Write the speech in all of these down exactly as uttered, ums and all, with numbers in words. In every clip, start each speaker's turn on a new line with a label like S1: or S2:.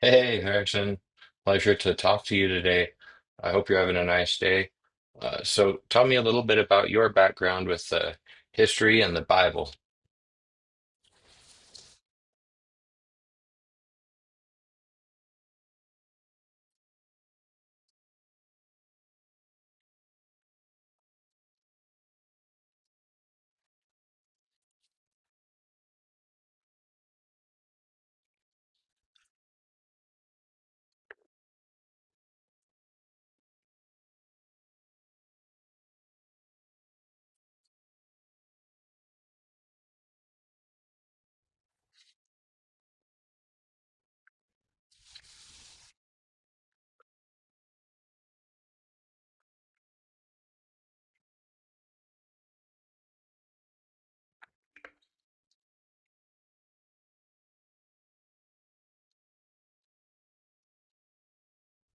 S1: Hey, hey, Harrison. Pleasure to talk to you today. I hope you're having a nice day. Uh, so, tell me a little bit about your background with uh, history and the Bible.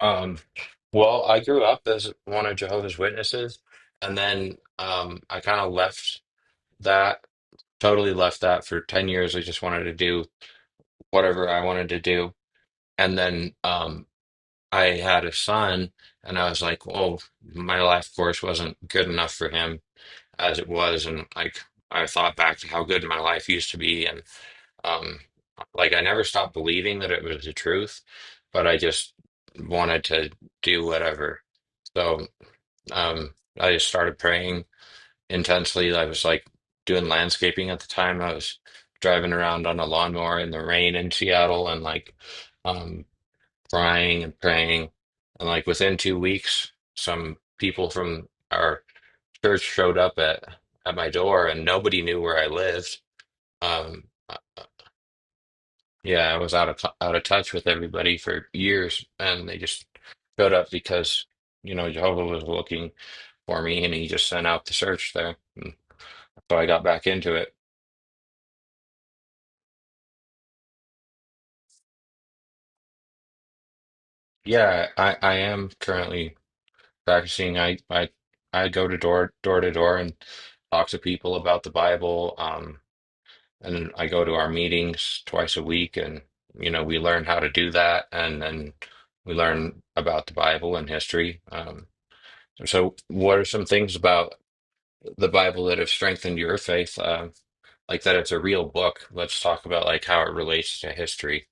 S1: Um, well, I grew up as one of Jehovah's Witnesses, and then um, I kind of left that, totally left that for ten years. I just wanted to do whatever I wanted to do. And then um, I had a son, and I was like, oh, my life course wasn't good enough for him, as it was, and like I thought back to how good my life used to be, and um like I never stopped believing that it was the truth, but I just wanted to do whatever. So um I just started praying intensely. I was like doing landscaping at the time. I was driving around on a lawnmower in the rain in Seattle, and like um crying and praying, and like within two weeks some people from our church showed up at at my door and nobody knew where I lived. Um, uh, yeah, I was out of t- out of touch with everybody for years, and they just showed up because you know Jehovah was looking for me, and he just sent out the search there. And so I got back into it. Yeah, I I am currently practicing. I I I go to door door to door and talk to people about the Bible. Um, And I go to our meetings twice a week, and you know, we learn how to do that, and then we learn about the Bible and history. Um, so, what are some things about the Bible that have strengthened your faith? Um, like that it's a real book. Let's talk about like how it relates to history.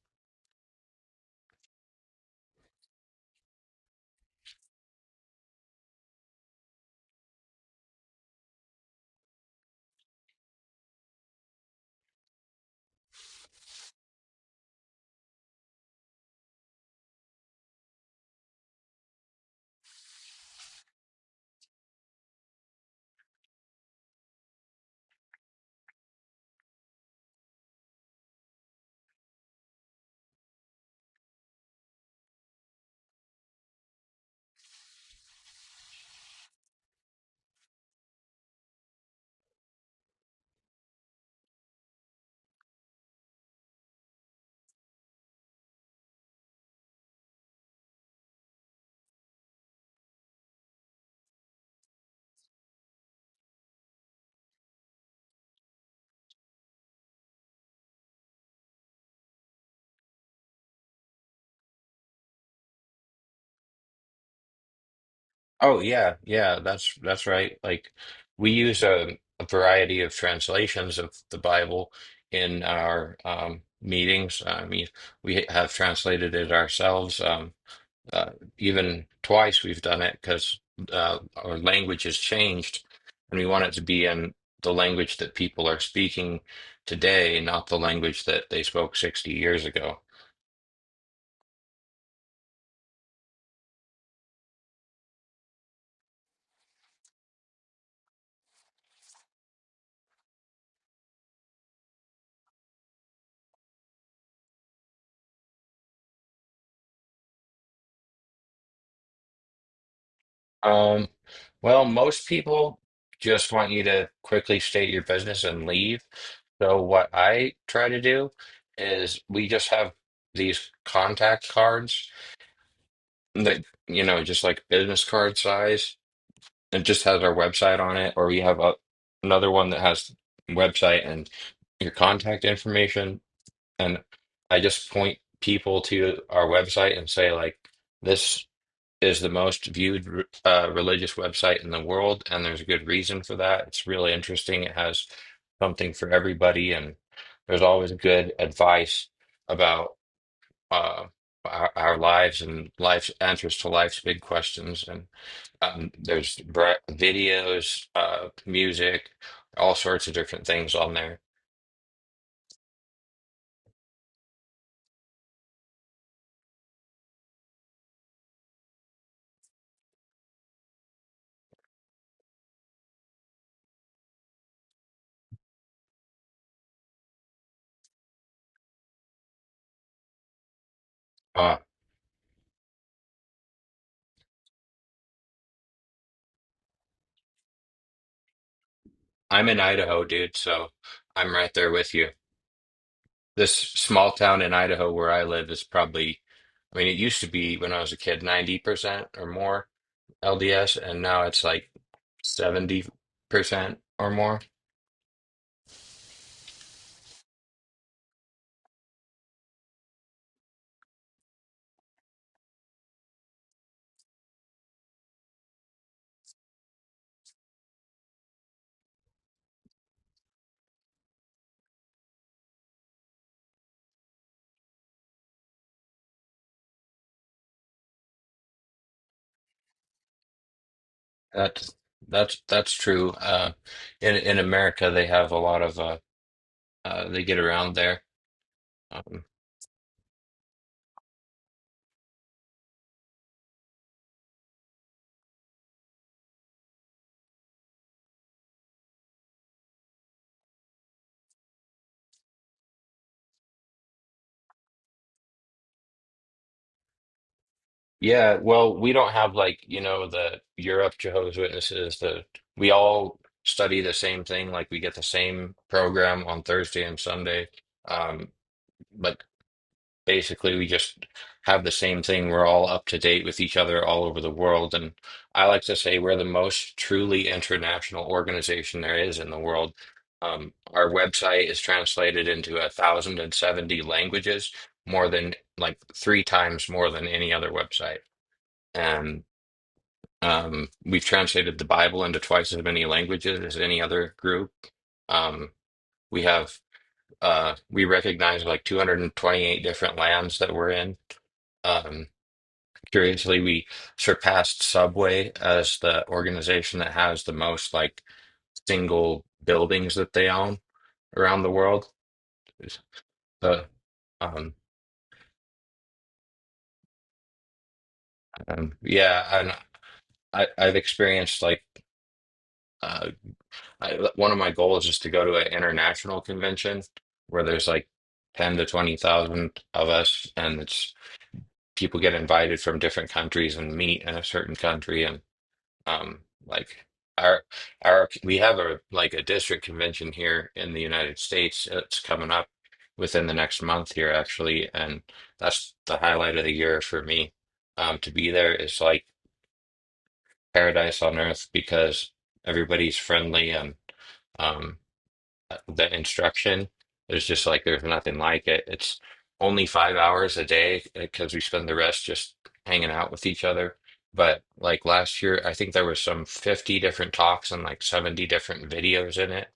S1: Oh yeah, yeah, that's that's right. Like we use a, a variety of translations of the Bible in our um, meetings. I mean, we have translated it ourselves. Um, Uh, Even twice we've done it because uh, our language has changed, and we want it to be in the language that people are speaking today, not the language that they spoke sixty years ago. Um, well, most people just want you to quickly state your business and leave. So what I try to do is we just have these contact cards that, you know, just like business card size. It just has our website on it, or we have a, another one that has website and your contact information. And I just point people to our website and say, like, this is the most viewed uh, religious website in the world, and there's a good reason for that. It's really interesting. It has something for everybody, and there's always good advice about uh, our, our lives and life's answers to life's big questions. And um, there's bra- videos, uh, music, all sorts of different things on there. Uh, I'm in Idaho, dude, so I'm right there with you. This small town in Idaho where I live is probably, I mean, it used to be when I was a kid, ninety percent or more L D S, and now it's like seventy percent or more. That's that's that's true. Uh, in in America, they have a lot of uh. uh, they get around there. Um, yeah, well, we don't have like, you know, the Europe Jehovah's Witnesses, the we all study the same thing, like we get the same program on Thursday and Sunday. Um, but Basically, we just have the same thing. We're all up to date with each other all over the world. And I like to say we're the most truly international organization there is in the world. Um, our website is translated into one thousand seventy languages, more than like three times more than any other website. And um, we've translated the Bible into twice as many languages as any other group. Um, we have uh, we recognize like two hundred twenty-eight different lands that we're in. Um, Curiously, we surpassed Subway as the organization that has the most like single buildings that they own around the world. So, um, um, yeah, and I, I've experienced like uh, I, one of my goals is to go to an international convention where there's like ten to twenty thousand of us, and it's people get invited from different countries and meet in a certain country. And. Um, like our our we have a like a district convention here in the United States. uh, It's coming up within the next month here actually, and that's the highlight of the year for me. Um, to be there is like paradise on earth because everybody's friendly and um the instruction. There's just like there's nothing like it. It's only five hours a day because we spend the rest just hanging out with each other. But like last year, I think there was some fifty different talks and like seventy different videos in it.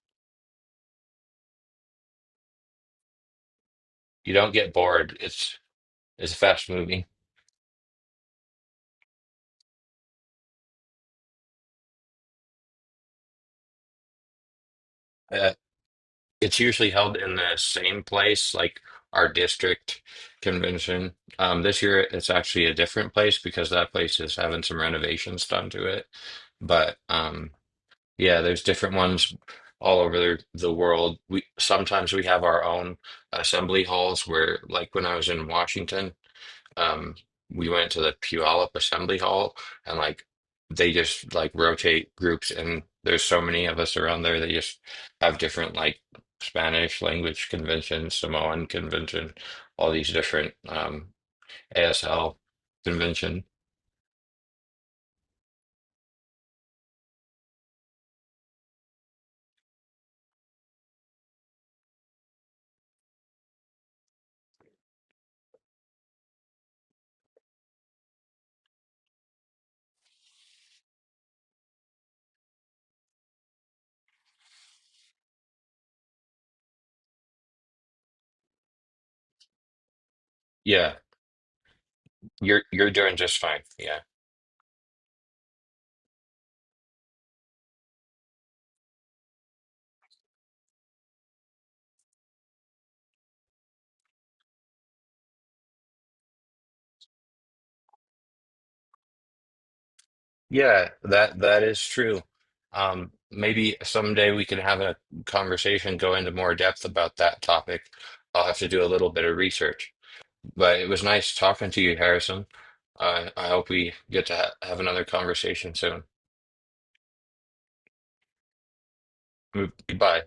S1: You don't get bored. It's it's fast moving. Uh, it's usually held in the same place, like our district convention. Um, this year, it's actually a different place because that place is having some renovations done to it. But um, Yeah, there's different ones all over the, the world. We sometimes we have our own assembly halls where, like when I was in Washington, um, we went to the Puyallup Assembly Hall, and like they just like rotate groups and there's so many of us around there they just have different like Spanish language convention, Samoan convention, all these different um A S L convention. Yeah, you're you're doing just fine. Yeah. Yeah, that that is true. Um, maybe someday we can have a conversation, go into more depth about that topic. I'll have to do a little bit of research. But it was nice talking to you, Harrison. I I hope we get to ha have another conversation soon. Goodbye.